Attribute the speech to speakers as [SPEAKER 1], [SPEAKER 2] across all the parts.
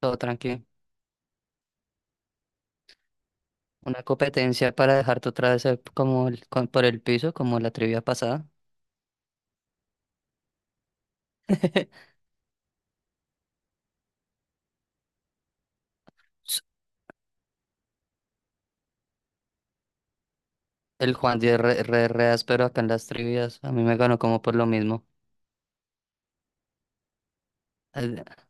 [SPEAKER 1] Todo tranquilo. Una competencia para dejarte otra vez como por el piso, como la trivia pasada. S- El Juan de re, re áspero acá en las trivias. A mí me ganó como por lo mismo.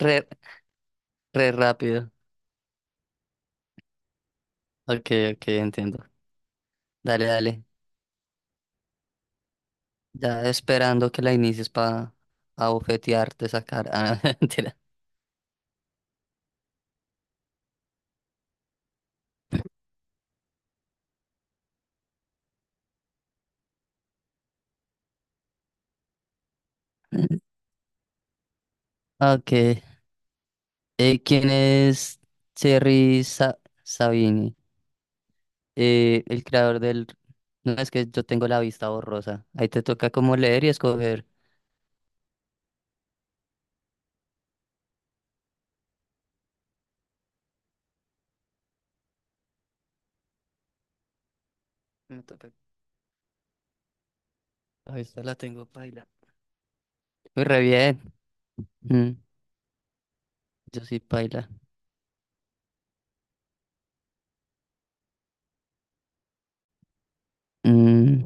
[SPEAKER 1] Re, re rápido. Ok, ok, entiendo. Dale, dale. Ya esperando que la inicies para abofetearte, sacar. Ah, mentira. Ok. ¿Quién es Sabini? El creador del... No, es que yo tengo la vista borrosa. Ahí te toca como leer y escoger. Me toca- La vista la tengo paila. Muy re bien. Mm, yo sí paila. Mm,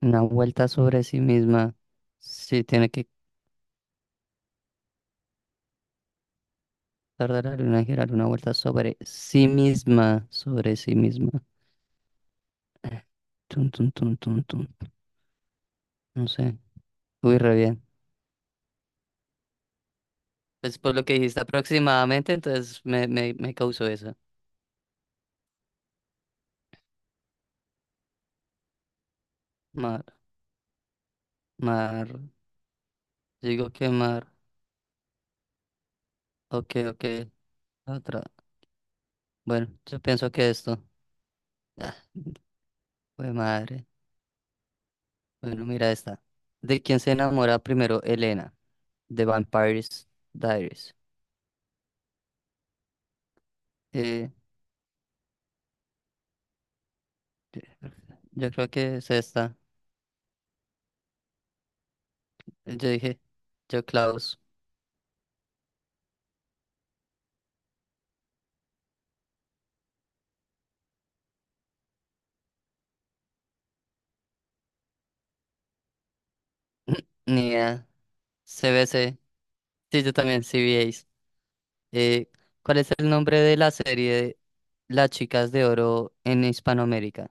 [SPEAKER 1] una vuelta sobre sí misma. Sí, tiene que tardar la luna en girar una vuelta sobre sí misma. Sobre sí misma. Tun, tun, tun, tun, tun. No sé. Uy, re bien. Pues por lo que dijiste aproximadamente, entonces me causó eso. Mar, mar. Digo que mar. Ok. Otra. Bueno, yo pienso que esto. Ah, jue madre. Bueno, mira esta. ¿De quién se enamora primero Elena? De Vampires Diaries. Eh, yo creo que es esta. Yo dije, yo Klaus. Ni idea. CBC. Sí, yo también, CBAs. Eh, ¿Cuál es el nombre de la serie Las Chicas de Oro en Hispanoamérica?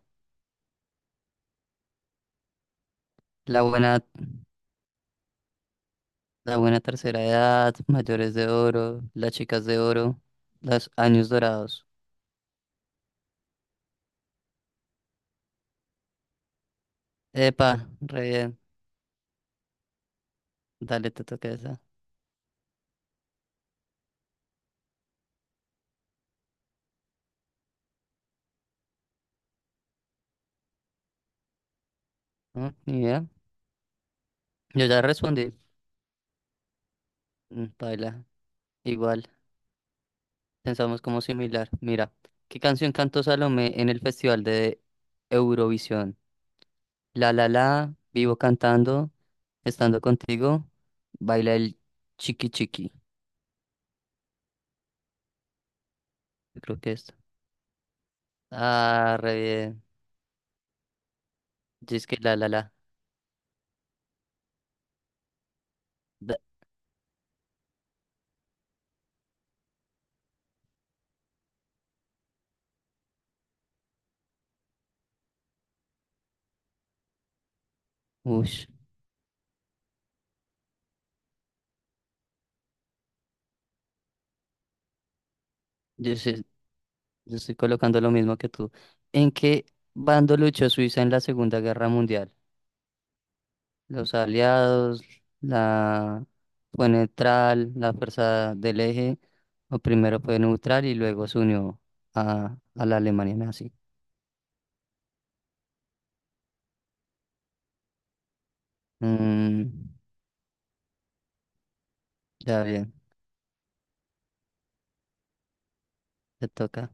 [SPEAKER 1] La buena, la buena tercera edad, mayores de oro, las chicas de oro, los años dorados. Epa, re bien. Dale, te toca esa. ¿No? Ni idea. Yo ya respondí. Mm, paila, igual. Pensamos como similar. Mira, ¿qué canción cantó Salomé en el Festival de Eurovisión? La la la, vivo cantando, estando contigo, baila el chiqui chiqui. Yo creo que es. Ah, re bien. Yo es que la la la. Da- Ush. Yo sé- yo estoy colocando lo mismo que tú. ¿En qué bando luchó Suiza en la Segunda Guerra Mundial? Los aliados, la fue neutral, la fuerza del eje, o primero fue neutral y luego se unió a la Alemania nazi. Mm, ya bien, te toca.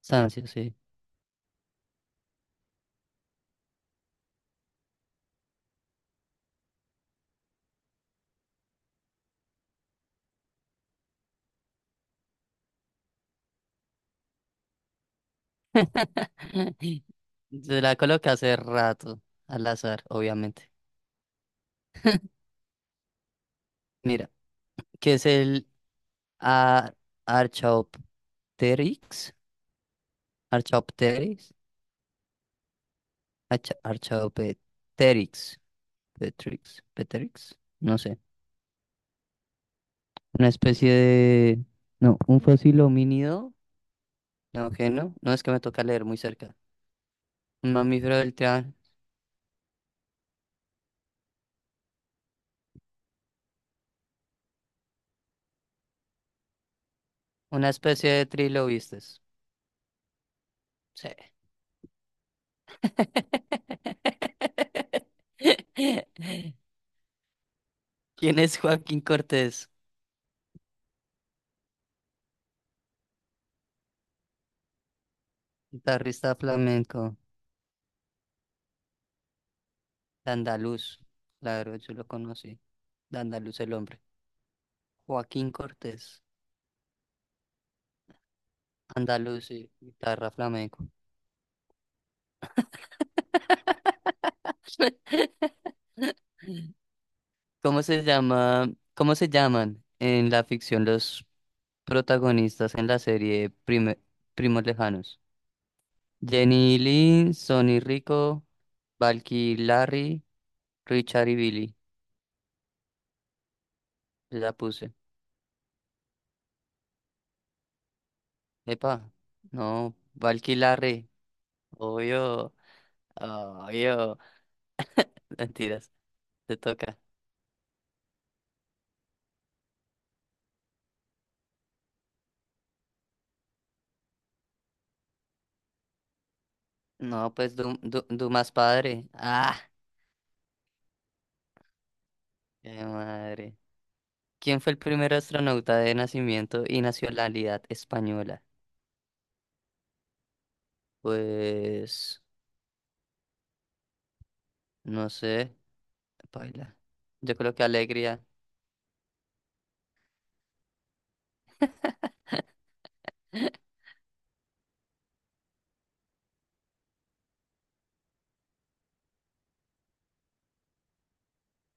[SPEAKER 1] Sancio, sí. Se la coloca hace rato, al azar, obviamente. Mira, ¿qué es el a- Archaeopteryx? ¿Archaeopteryx? Archaeopteryx. Petrix. Petrix. No sé. Una especie de... No, un fósil homínido. No, que no. No es que me toca leer muy cerca. Un mamífero del triángulo. Una especie de trilobites. Sí. ¿Quién es Joaquín Cortés? Guitarrista flamenco. De Andaluz. Claro, yo lo conocí. De Andaluz el hombre. Joaquín Cortés. Andaluz y guitarra flamenco. ¿Cómo se llaman en la ficción los protagonistas en la serie Primos Lejanos? Jenny y Lynn, Sonny y Rico, Valky y Larry, Richard y Billy. La puse. Epa, no, Valky y Larry, obvio, obvio. Mentiras, te toca. No, pues Dumas padre. Ah, qué madre. ¿Quién fue el primer astronauta de nacimiento y nacionalidad española? Pues no sé, baila. Yo creo que alegría.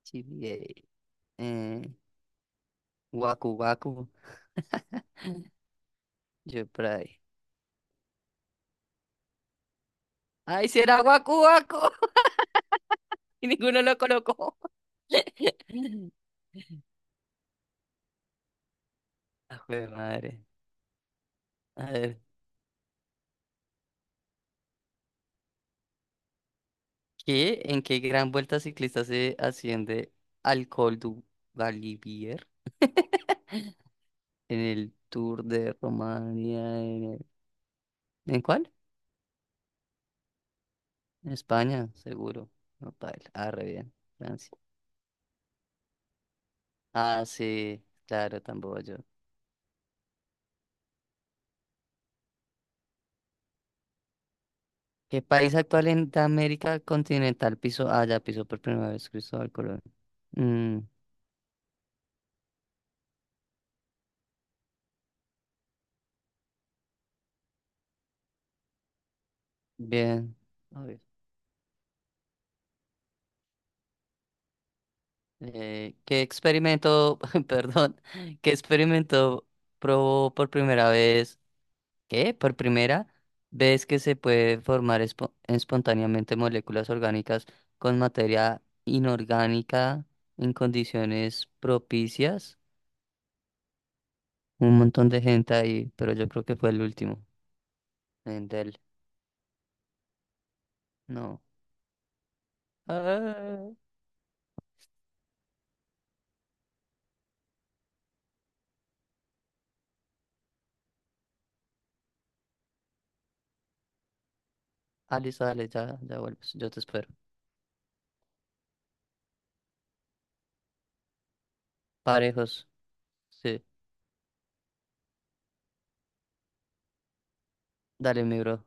[SPEAKER 1] GBA. Eh, Waku Waku. Yo por ahí. ¡Ay, será Waku Waku! Y ninguno lo colocó. Ah, jue madre. A ver, ¿en qué gran vuelta ciclista se asciende al Col du Galibier? En el Tour de Romania. ¿En cuál? En España, seguro. No, paila. Ah, re bien. Francia. Ah, sí, claro, tampoco yo. ¿Qué país actual en de América continental pisó? Ah, ya pisó por primera vez Cristóbal Colón. Mm, bien. A ver. Eh, ¿qué experimento, perdón, ¿qué experimento probó por primera vez? ¿Qué? ¿Por primera vez que se puede formar espo- espontáneamente moléculas orgánicas con materia inorgánica en condiciones propicias? Un montón de gente ahí, pero yo creo que fue el último. Endel, no. Ah, Ali, sale, ya vuelves. Yo te espero. Parejos, sí. Dale, mi bro.